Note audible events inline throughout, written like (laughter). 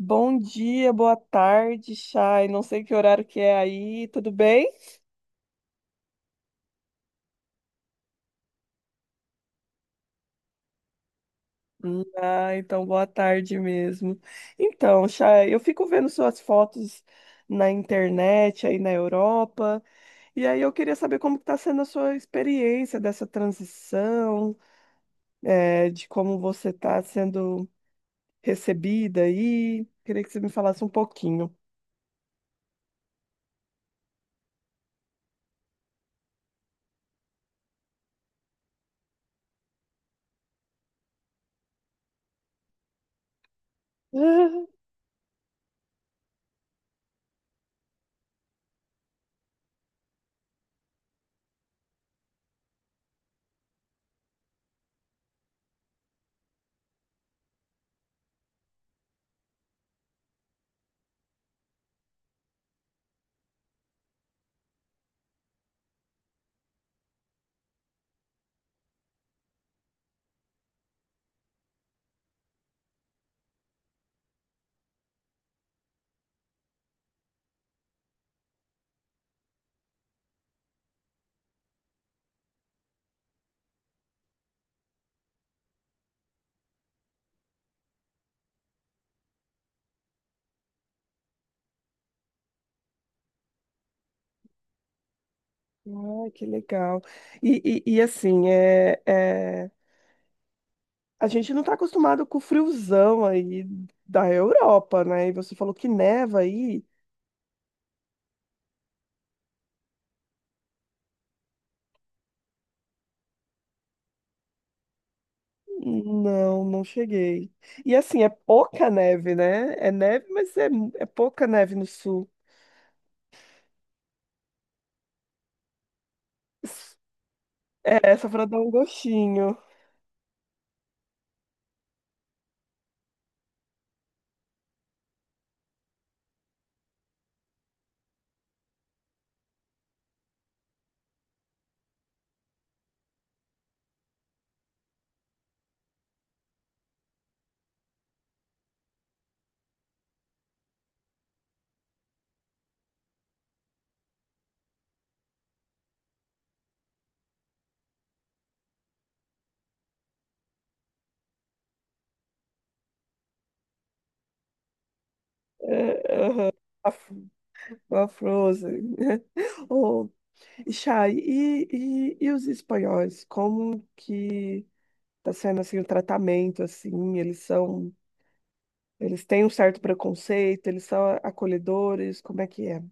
Bom dia, boa tarde, Chay. Não sei que horário que é aí, tudo bem? Então boa tarde mesmo. Então, Chay, eu fico vendo suas fotos na internet aí na Europa, e aí eu queria saber como está sendo a sua experiência dessa transição, de como você está sendo recebida aí. Queria que você me falasse um pouquinho. (laughs) Ah, que legal. E assim, a gente não tá acostumado com o friozão aí da Europa, né? E você falou que neva aí. Não, não cheguei. E assim, é pouca neve, né? É neve, mas é pouca neve no sul. É, só pra dar um gostinho. A, fr- a Frozen. (laughs) Oh, e Chay, e os espanhóis? Como que tá sendo assim o tratamento, assim? Eles são, eles têm um certo preconceito, eles são acolhedores, como é que é?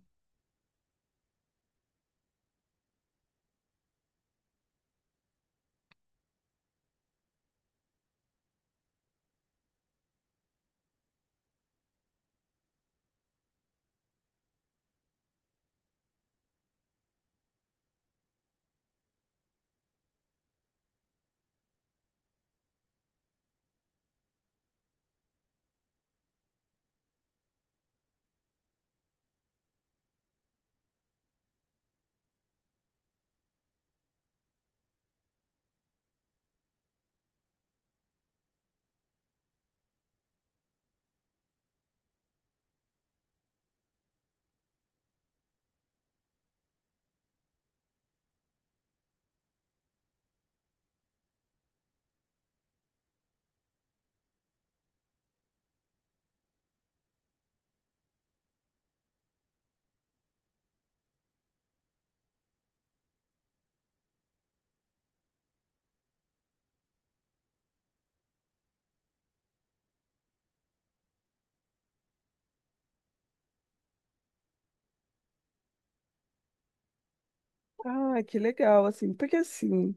Ah, que legal, assim, porque assim,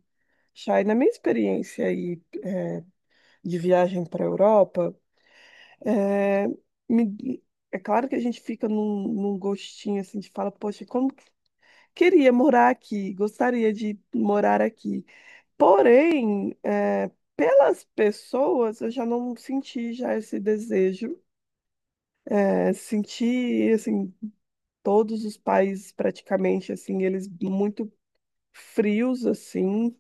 Chay, na minha experiência aí de viagem para a Europa, é, me- é claro que a gente fica num gostinho assim de fala, poxa, queria morar aqui, gostaria de morar aqui. Porém, é, pelas pessoas, eu já não senti já esse desejo. É, senti, assim, todos os países praticamente, assim, eles muito frios, assim,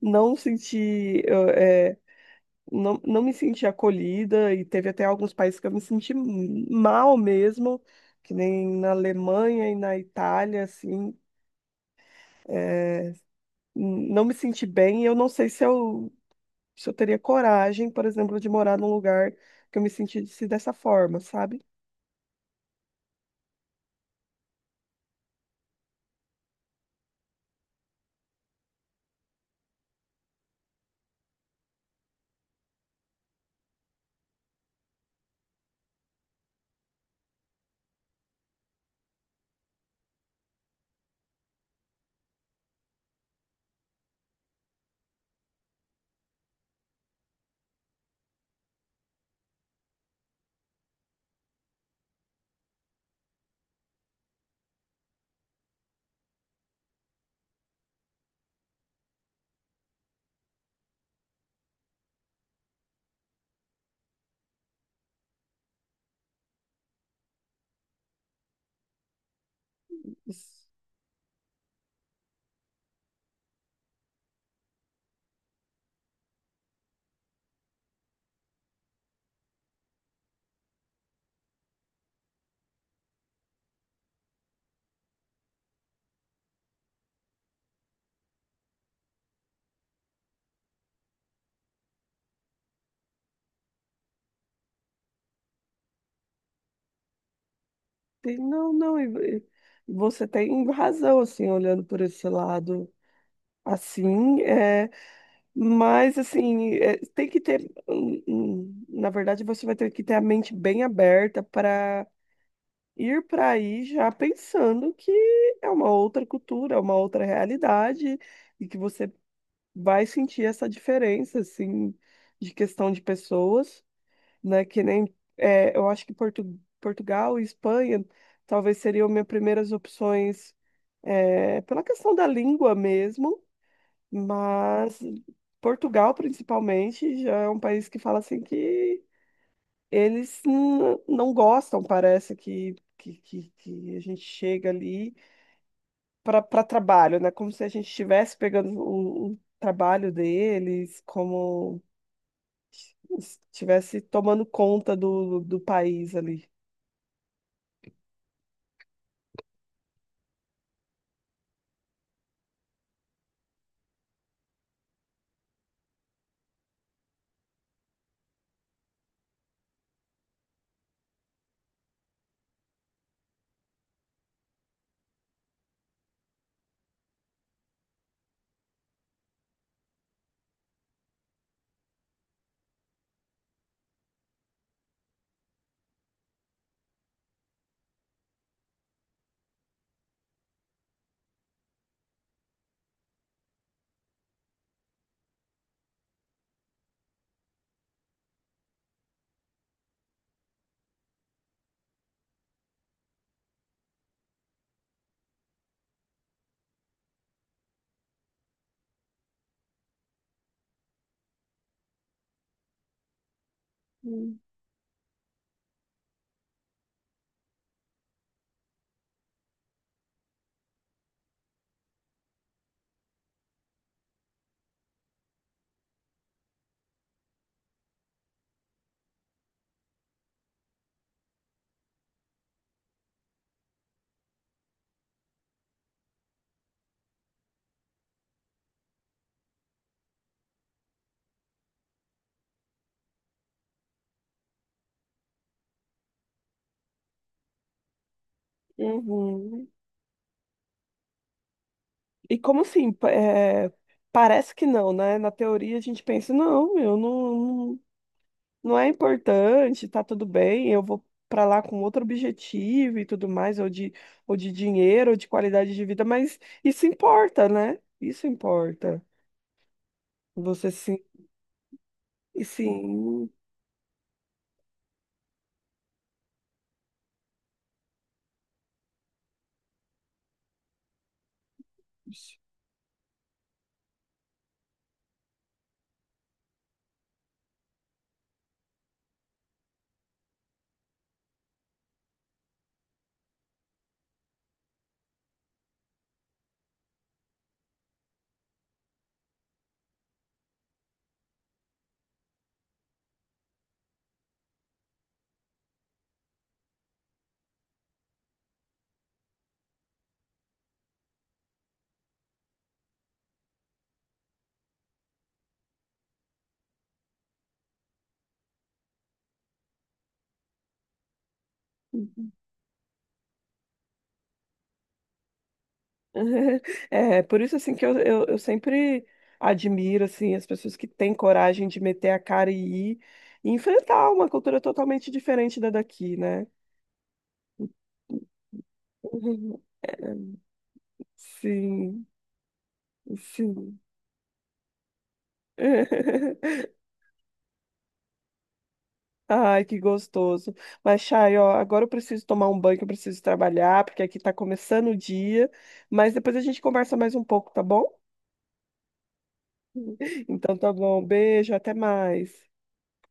não senti, não, não me senti acolhida e teve até alguns países que eu me senti mal mesmo, que nem na Alemanha e na Itália, assim, não me senti bem. Eu não sei se eu teria coragem, por exemplo, de morar num lugar que eu me sentisse dessa forma, sabe? Isso. Não, não, e você tem razão, assim, olhando por esse lado. Assim, é, mas, assim, é, tem que ter na verdade, você vai ter que ter a mente bem aberta para ir para aí já pensando que é uma outra cultura, é uma outra realidade, e que você vai sentir essa diferença, assim, de questão de pessoas, né? Que nem. É, eu acho que Portugal e Espanha talvez seriam minhas primeiras opções, é, pela questão da língua mesmo, mas Portugal, principalmente, já é um país que fala assim que eles não gostam, parece que a gente chega ali para trabalho, né? Como se a gente estivesse pegando o trabalho deles, como estivesse tomando conta do país ali. Hum. Uhum. E como assim? Parece que não, né? Na teoria a gente pensa, não, eu não. Não é importante, tá tudo bem, eu vou para lá com outro objetivo e tudo mais, ou de dinheiro, ou de qualidade de vida, mas isso importa, né? Isso importa. Você sim, e sim. (laughs) É, por isso assim que eu sempre admiro assim as pessoas que têm coragem de meter a cara e ir e enfrentar uma cultura totalmente diferente da daqui, né? (laughs) Sim, sim. (laughs) Ai, que gostoso. Mas, Chay, ó, agora eu preciso tomar um banho, que eu preciso trabalhar, porque aqui tá começando o dia. Mas depois a gente conversa mais um pouco, tá bom? Então tá bom. Beijo, até mais.